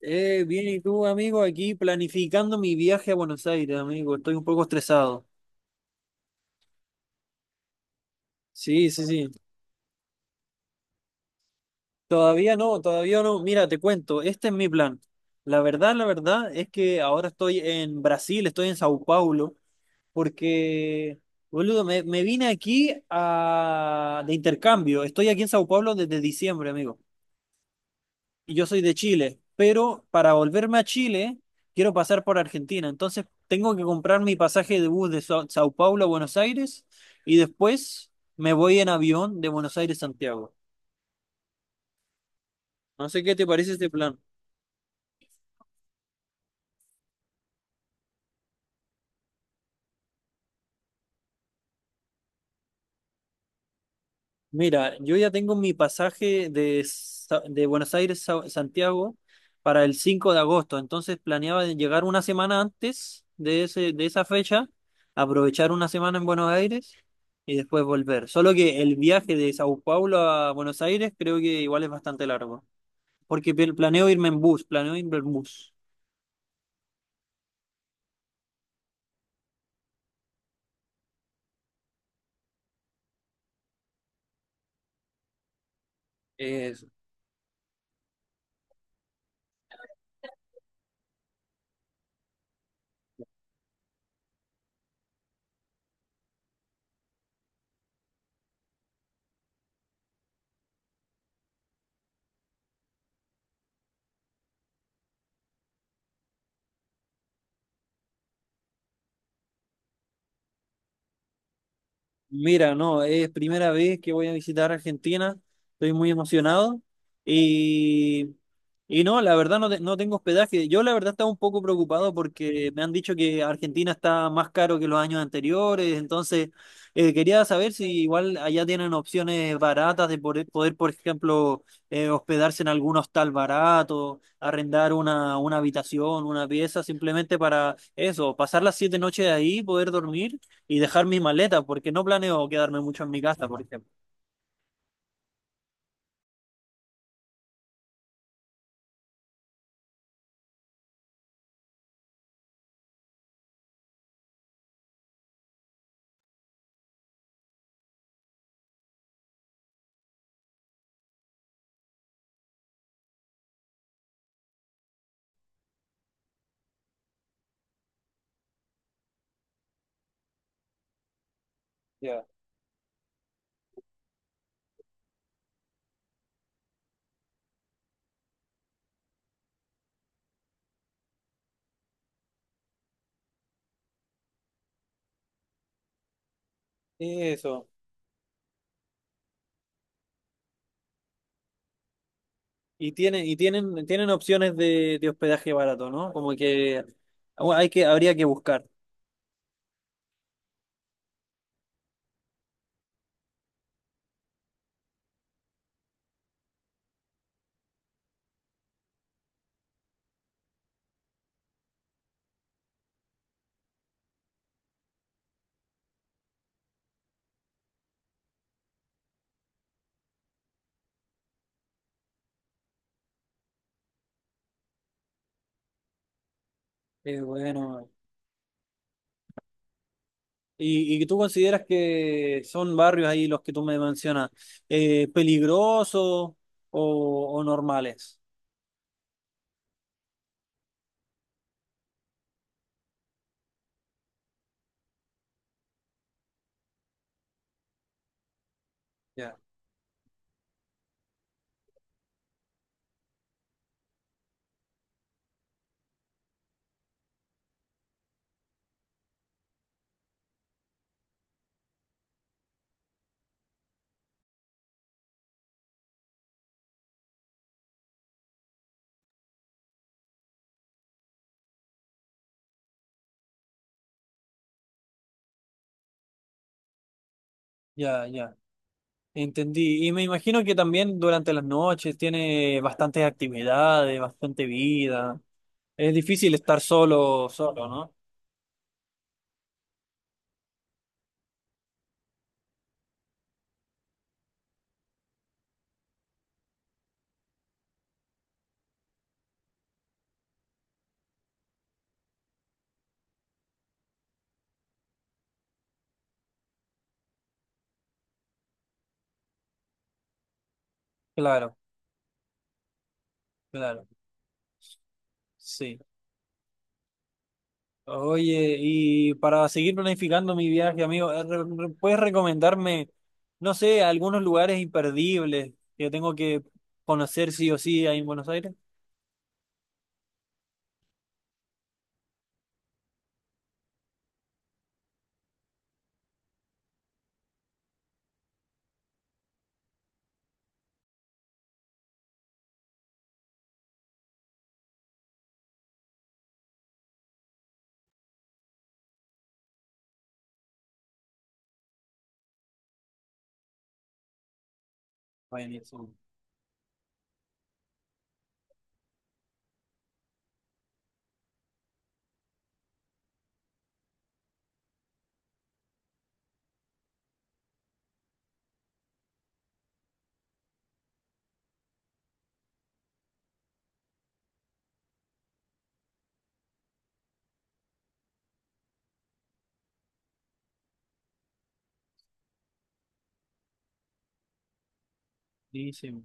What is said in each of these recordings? Bien, ¿y tú, amigo? Aquí planificando mi viaje a Buenos Aires, amigo. Estoy un poco estresado. Sí, sí, sí. Todavía no, todavía no. Mira, te cuento, este es mi plan. La verdad es que ahora estoy en Brasil, estoy en Sao Paulo, porque, boludo, me vine aquí a, de intercambio. Estoy aquí en Sao Paulo desde diciembre, amigo. Y yo soy de Chile, pero para volverme a Chile quiero pasar por Argentina. Entonces tengo que comprar mi pasaje de bus de Sao Paulo a Buenos Aires y después me voy en avión de Buenos Aires a Santiago. No sé qué te parece este plan. Mira, yo ya tengo mi pasaje de, de Buenos Aires a Santiago para el 5 de agosto, entonces planeaba de llegar una semana antes de ese, de esa fecha, aprovechar una semana en Buenos Aires y después volver. Solo que el viaje de Sao Paulo a Buenos Aires creo que igual es bastante largo, porque planeo irme en bus, planeo irme en bus. Mira, no, es primera vez que voy a visitar Argentina, estoy muy emocionado y, y no, la verdad no, no tengo hospedaje. Yo la verdad estaba un poco preocupado porque me han dicho que Argentina está más caro que los años anteriores, entonces quería saber si igual allá tienen opciones baratas de poder, por ejemplo, hospedarse en algún hostal barato, arrendar una habitación, una pieza, simplemente para eso, pasar las 7 noches ahí, poder dormir y dejar mis maletas, porque no planeo quedarme mucho en mi casa, por ejemplo. Ya, eso. Y tienen opciones de hospedaje barato, ¿no? Como que bueno, hay que, habría que buscar. Bueno. Y tú consideras que son barrios ahí los que tú me mencionas, peligrosos o, o normales. Ya, ya, ya. Entendí. Y me imagino que también durante las noches tiene bastantes actividades, bastante vida. Es difícil estar solo, solo, ¿no? Claro, claro, sí. Oye, y para seguir planificando mi viaje, amigo, ¿puedes recomendarme, no sé, algunos lugares imperdibles que tengo que conocer sí o sí ahí en Buenos Aires? Buenísimo, buenísimo.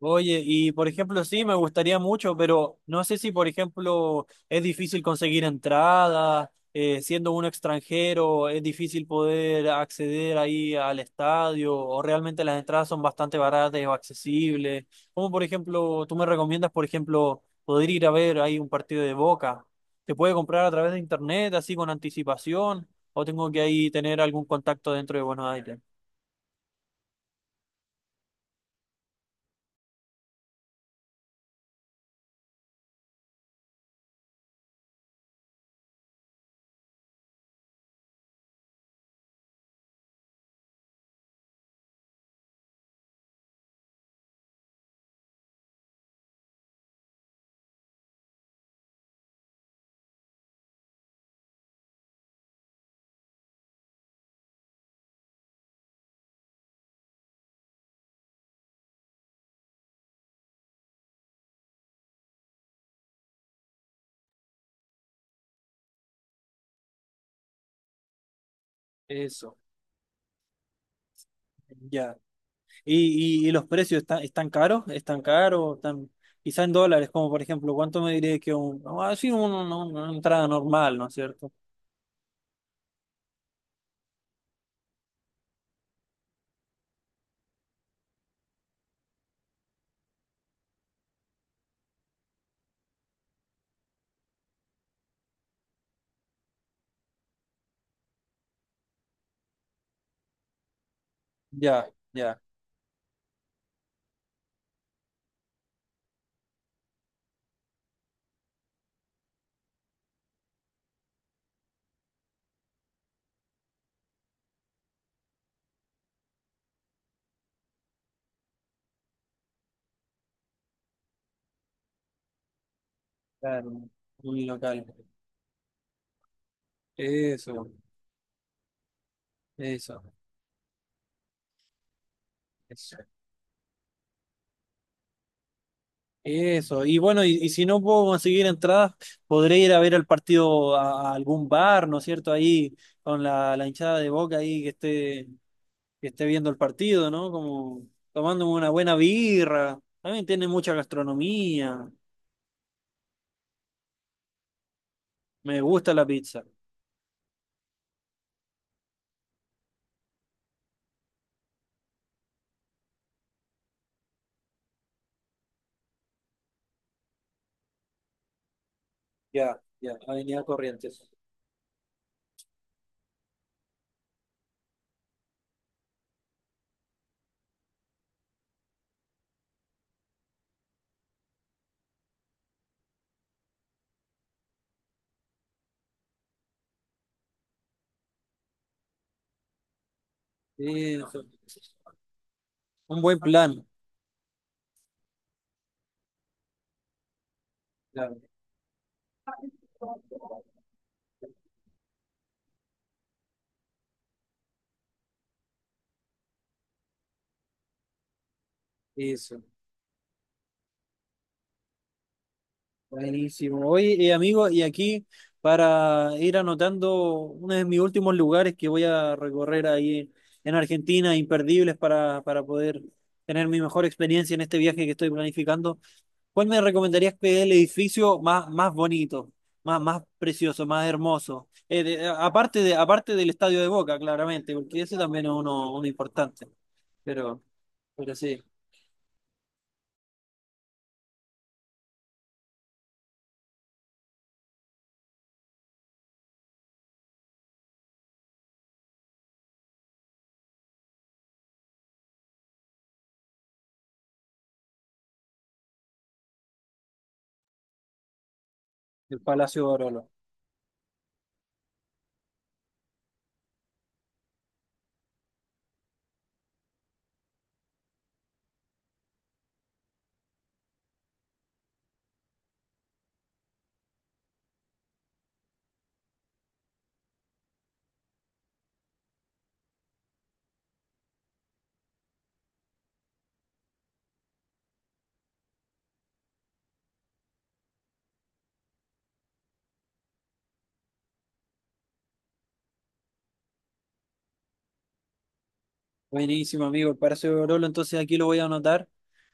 Oye, y por ejemplo, sí, me gustaría mucho, pero no sé si, por ejemplo, es difícil conseguir entradas, siendo uno extranjero, es difícil poder acceder ahí al estadio, o realmente las entradas son bastante baratas o accesibles. Como por ejemplo, tú me recomiendas, por ejemplo, poder ir a ver ahí un partido de Boca. ¿Se puede comprar a través de internet, así con anticipación, o tengo que ahí tener algún contacto dentro de Buenos Aires? Eso, ya. Y los precios están, están caros? ¿Están caros? ¿Están, quizá en dólares, como por ejemplo, ¿cuánto me diría que un, así una entrada normal, ¿no es cierto? Ya, ya, claro, un local. Eso, eso, eso. Eso. Y bueno, y si no puedo conseguir entradas, podré ir a ver el partido a algún bar, ¿no es cierto? Ahí con la, la hinchada de Boca ahí que esté viendo el partido, ¿no? Como tomándome una buena birra. También tiene mucha gastronomía. Me gusta la pizza. Ya, ya, Avenida Corrientes. Eso. Un buen plan. Claro, eso. Buenísimo. Oye, amigo, y aquí para ir anotando uno de mis últimos lugares que voy a recorrer ahí en Argentina, imperdibles para poder tener mi mejor experiencia en este viaje que estoy planificando. ¿Cuál me recomendarías que es el edificio más, más bonito, más, más precioso, más hermoso? Aparte de, aparte del Estadio de Boca, claramente, porque ese también es uno, uno importante. Pero, pero sí, el Palacio de Orolo. Buenísimo, amigo, el Palacio de Orolo. Entonces aquí lo voy a anotar,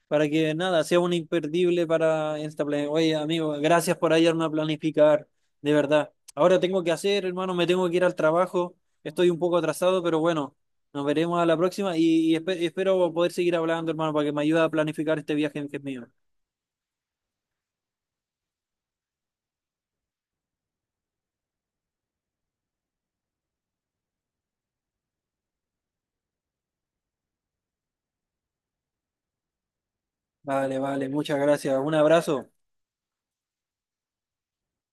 para que nada, sea un imperdible para esta plan. Oye, amigo, gracias por ayudarme a planificar, de verdad. Ahora tengo que hacer, hermano, me tengo que ir al trabajo. Estoy un poco atrasado, pero bueno, nos veremos a la próxima y espero poder seguir hablando, hermano, para que me ayude a planificar este viaje que es mío. Vale, vale, muchas gracias. Un abrazo.